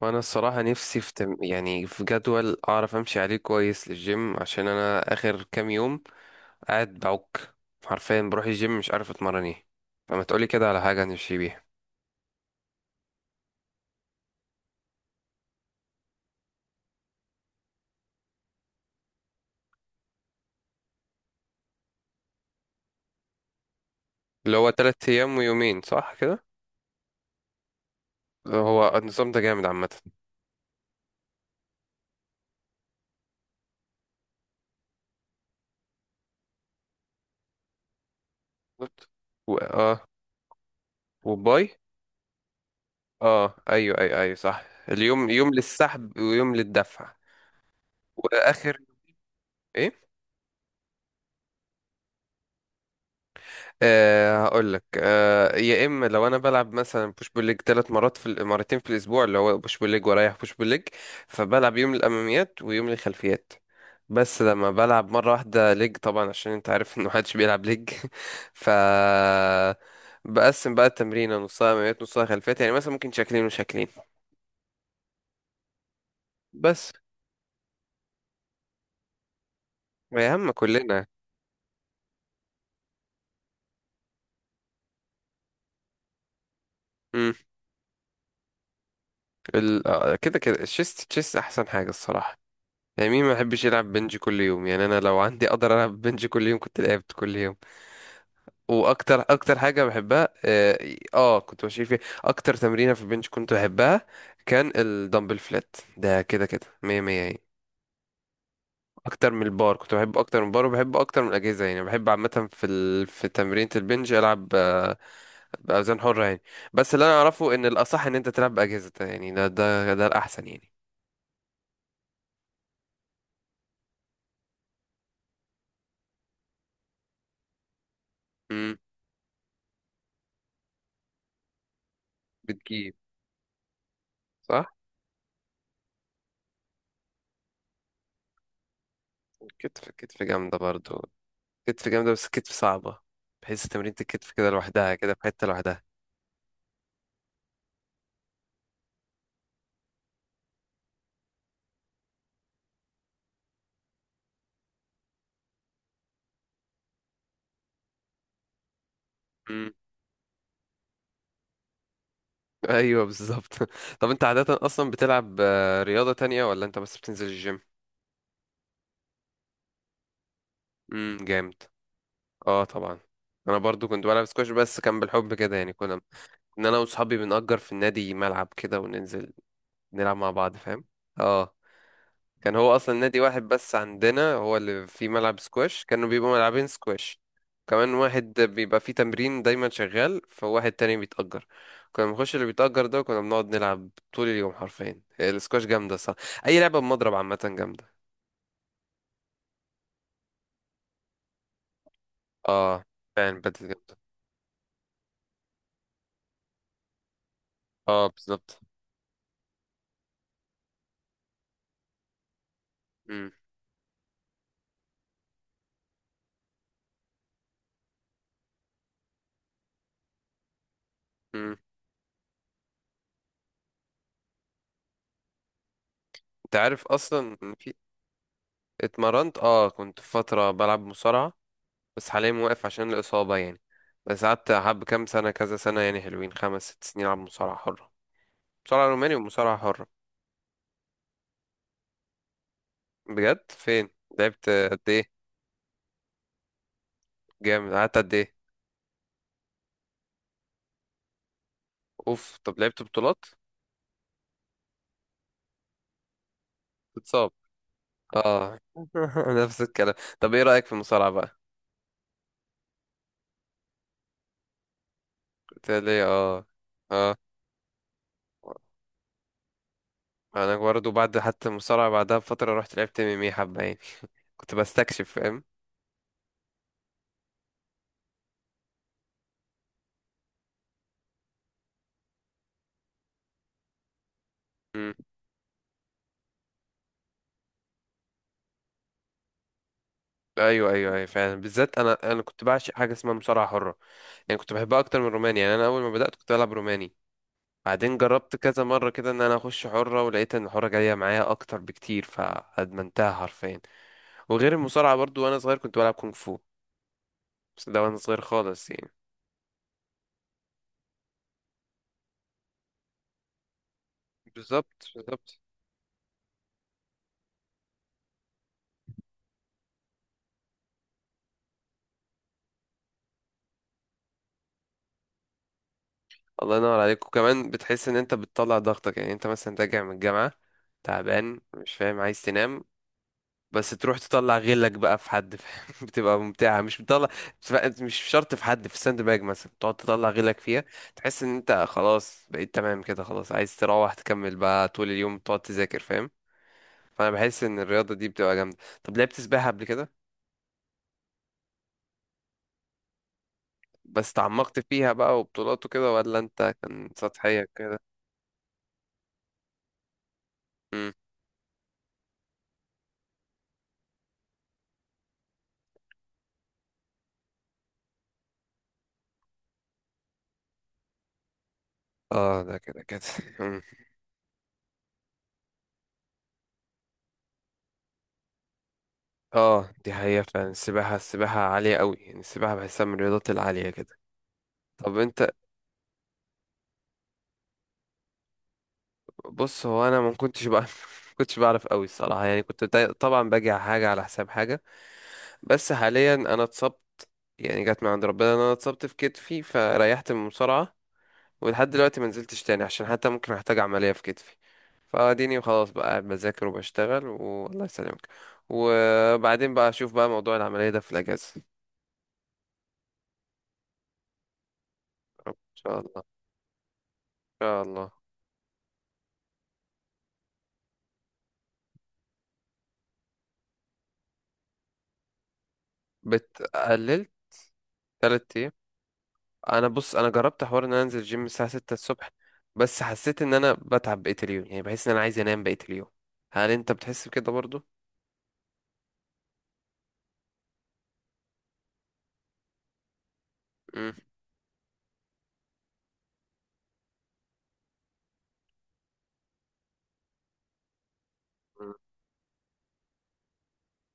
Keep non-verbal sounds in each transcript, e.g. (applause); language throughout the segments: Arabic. وانا الصراحة نفسي في تم... يعني في جدول اعرف امشي عليه كويس للجيم عشان انا اخر كام يوم قاعد بعك، حرفيا بروح الجيم مش عارف اتمرن ايه. فما تقولي كده على حاجة نمشي بيها. اللي هو تلات ايام ويومين صح كده؟ هو النظام ده جامد عامة. بالظبط. و... اه وباي. اه، ايوه، ايوه، ايوه، صح، اليوم يوم للسحب ويوم للدفع. واخر ايه أه هقول لك. أه، يا اما لو انا بلعب مثلا بوش بول ليج ثلاث مرات في مرتين في الاسبوع اللي هو بوش بول ليج، ورايح بوش بول ليج فبلعب يوم الاماميات ويوم الخلفيات. بس لما بلعب مره واحده ليج طبعا عشان انت عارف ان محدش بيلعب ليج (laughs) ف بقسم بقى التمرين نصها اماميات نصها خلفيات، يعني مثلا ممكن شكلين وشكلين بس. يا عم كلنا. مم. ال... آه، كده كده الشيست، تشيست احسن حاجه الصراحه. يعني مين ما يحبش يلعب بنج كل يوم؟ يعني انا لو عندي اقدر العب بنج كل يوم كنت لعبت كل يوم. واكتر حاجه بحبها، اه كنت ماشي فيها. اكتر تمرينه في البنج كنت بحبها كان الدمبل فلات، ده كده كده مية مية يعني. اكتر من البار كنت بحبه اكتر من البار، وبحبه اكتر من الاجهزه، يعني بحب عامه في تمرينه البنج العب باوزان حره يعني. بس اللي انا اعرفه ان الاصح ان انت تلعب باجهزه، يعني ده الاحسن يعني. امم. بتجيب. صح. كتف جامده برضو. كتف جامدة بس كتف صعبة، بحيث تمرينة الكتف كده لوحدها كده في حتة لوحدها. مم. ايوه بالظبط (laughs) طب انت عادة اصلا بتلعب رياضة تانية، ولا انت بس بتنزل الجيم؟ امم، جامد. اه طبعا. انا برضو كنت بلعب سكواش، بس كان بالحب كده يعني، كنا ان انا واصحابي بنأجر في النادي ملعب كده وننزل نلعب مع بعض، فاهم؟ اه. كان هو اصلا نادي واحد بس عندنا هو اللي فيه ملعب سكواش، كانوا بيبقوا ملعبين سكواش. كمان واحد بيبقى فيه تمرين دايما شغال، فواحد تاني بيتأجر، كنا بنخش اللي بيتأجر ده، كنا بنقعد نلعب طول اليوم حرفيا. هي السكواش جامدة صح، أي لعبة بمضرب عامة جامدة. اه فعلا، بدل جامدة. اه بالظبط. مم. مم. انت عارف اصلا ان في. اتمرنت، اه كنت في فترة بلعب مصارعة، بس حاليا موقف عشان الإصابة يعني. بس قعدت حب كام سنة، كذا سنة يعني، حلوين خمس ست سنين ألعب مصارعة حرة. مصارعة روماني ومصارعة حرة. بجد، فين؟ لعبت قد ايه؟ جامد، قعدت قد ايه؟ اوف، طب لعبت بطولات؟ تتصاب، اه (laughs) نفس الكلام. طب ايه رأيك في المصارعة بقى؟ قلت لي اه. اه، انا برضه بعد حتى المصارعة بعدها بفترة رحت لعبت ام ام اي حبة يعني (laughs) كنت بستكشف فاهم. مم. ايوه، ايوه، ايوه، فعلا بالذات انا كنت بعشق حاجه اسمها مصارعه حره. يعني كنت بحبها اكتر من روماني، يعني انا اول ما بدات كنت بلعب روماني، بعدين جربت كذا مرة كده ان انا اخش حرة، ولقيت ان الحرة جاية معايا اكتر بكتير فادمنتها حرفيا. وغير المصارعة برضو، وانا صغير كنت بلعب كونغ فو، بس ده وانا صغير خالص يعني. بالظبط بالظبط. الله ينور عليك. وكمان بتحس ان انت بتطلع ضغطك، يعني انت مثلا راجع من الجامعة تعبان مش فاهم عايز تنام، بس تروح تطلع غلك بقى في حد فاهم؟ (laughs) بتبقى ممتعة، مش بتطلع مش شرط في حد، في الساند باج مثلا تقعد تطلع غلك فيها. تحس ان انت خلاص بقيت تمام كده، خلاص عايز تروح تكمل بقى طول اليوم تقعد تذاكر فاهم. فانا بحس ان الرياضة دي بتبقى جامدة. طب لعبت سباحة قبل كده؟ بس تعمقت فيها بقى وبطولات وكده، ولا انت كان سطحية كده؟ مم. اه ده كده كده (laughs) مم. اه دي حقيقة فعلا. السباحة، السباحة عالية قوي يعني، السباحة بحسها من الرياضات العالية كده. طب انت. بص هو انا ما كنتش بقى (laughs) ما كنتش بعرف قوي الصراحه، يعني كنت طبعا باجي على حاجه على حساب حاجه. بس حاليا انا اتصبت، يعني جت من عند ربنا ان انا اتصبت في كتفي فريحت من المصارعه، ولحد دلوقتي ما نزلتش تاني عشان حتى ممكن احتاج عمليه في كتفي. فاديني وخلاص بقى قاعد بذاكر وبشتغل، والله يسلمك. وبعدين بقى اشوف بقى موضوع العمليه ده في الاجازه، ان شاء الله. ان شاء الله. بتقلل تلات ايام. انا بص، انا جربت حوار ان انا انزل جيم الساعه 6 الصبح، بس حسيت ان انا بتعب بقيه اليوم، يعني بحس ان انا عايز انام بقيه اليوم. هل انت بتحس بكده برضو؟ امم.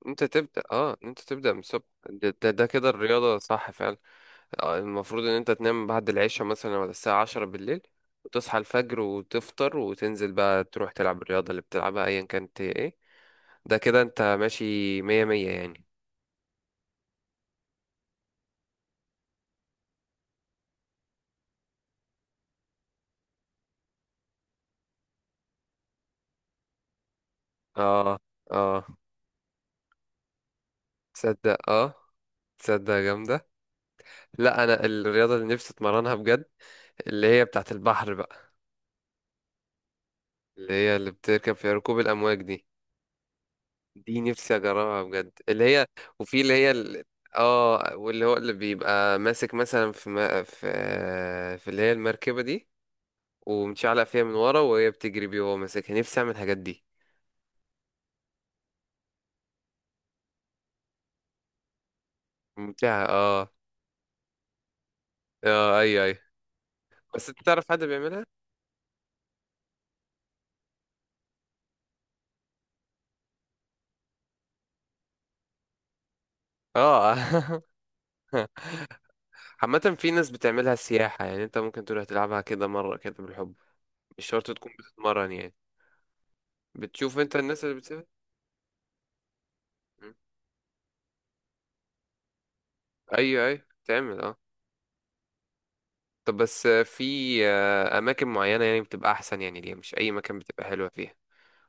انت تبدا، اه انت تبدا من الصبح، ده كده الرياضه صح فعلا. المفروض ان انت تنام بعد العشاء مثلا ولا الساعه 10 بالليل، وتصحى الفجر وتفطر وتنزل بقى تروح تلعب الرياضه اللي بتلعبها ايا كانت هي ايه. ده كده انت ماشي مية مية يعني. اه اه. تصدق اه. تصدق جامده. لا انا الرياضه اللي نفسي اتمرنها بجد اللي هي بتاعه البحر بقى، اللي هي اللي بتركب في ركوب الامواج دي. دي نفسي اجربها بجد، اللي هي وفي اللي هي ال- اه واللي هو اللي بيبقى ماسك مثلا في ما في في اللي هي المركبه دي، ومتشعلق فيها من ورا وهي بتجري بيه وهو ماسكها، نفسي اعمل الحاجات دي. ممتعه اه. اه ايوه ايوه. بس انت تعرف حد بيعملها؟ اه (laughs) عامة في ناس بتعملها سياحة، يعني انت ممكن تروح تلعبها كده مرة كده بالحب، مش شرط تكون بتتمرن يعني. بتشوف انت الناس اللي بتسافر. مم. ايوه ايوه تعمل اه. طب بس آه، في آه، اماكن معينه يعني بتبقى احسن، يعني ليه مش اي مكان بتبقى حلوه فيها؟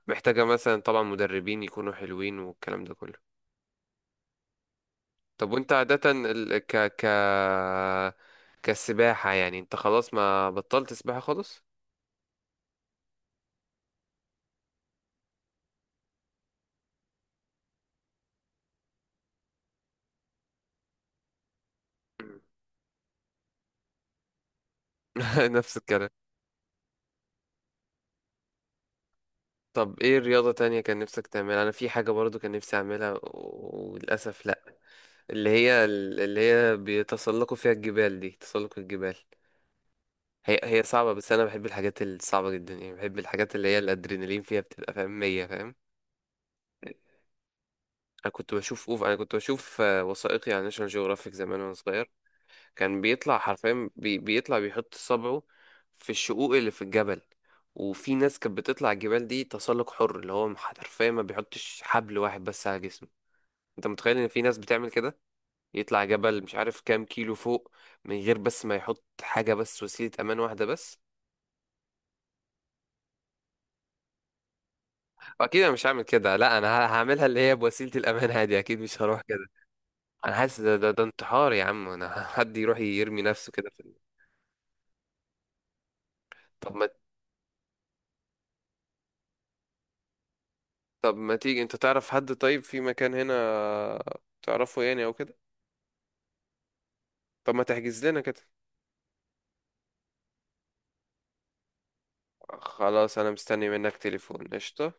محتاجه مثلا طبعا مدربين يكونوا حلوين والكلام ده كله. طب وانت عاده ال... ك ك كسباحه، يعني انت خلاص ما بطلت سباحه خالص؟ مم. (laughs) نفس الكلام. طب ايه رياضه تانية كان نفسك تعملها؟ انا في حاجه برضو كان نفسي اعملها وللاسف لا، اللي هي بيتسلقوا فيها الجبال دي، تسلق الجبال. هي صعبة، بس أنا بحب الحاجات الصعبة جدا، يعني بحب الحاجات اللي هي الأدرينالين فيها بتبقى فاهم مية فاهم. أنا كنت بشوف أوف، أنا كنت بشوف وثائقي عن ناشونال جيوغرافيك زمان وأنا صغير. كان بيطلع حرفيا بيطلع بيحط صبعه في الشقوق اللي في الجبل. وفي ناس كانت بتطلع الجبال دي تسلق حر، اللي هو حرفيا ما بيحطش حبل واحد بس على جسمه. أنت متخيل إن في ناس بتعمل كده؟ يطلع جبل مش عارف كام كيلو فوق، من غير بس ما يحط حاجة بس وسيلة أمان واحدة بس. اكيد انا مش هعمل كده، لا انا هعملها اللي هي بوسيله الامان عادي، اكيد مش هروح كده. انا حاسس ده انتحار يا عم انا (laughs) حد يروح يرمي نفسه كده في طب ما. طب ما تيجي، انت تعرف حد طيب في مكان هنا تعرفه يعني او كده؟ طب ما تحجز لنا كده. خلاص انا مستني منك تليفون، قشطه.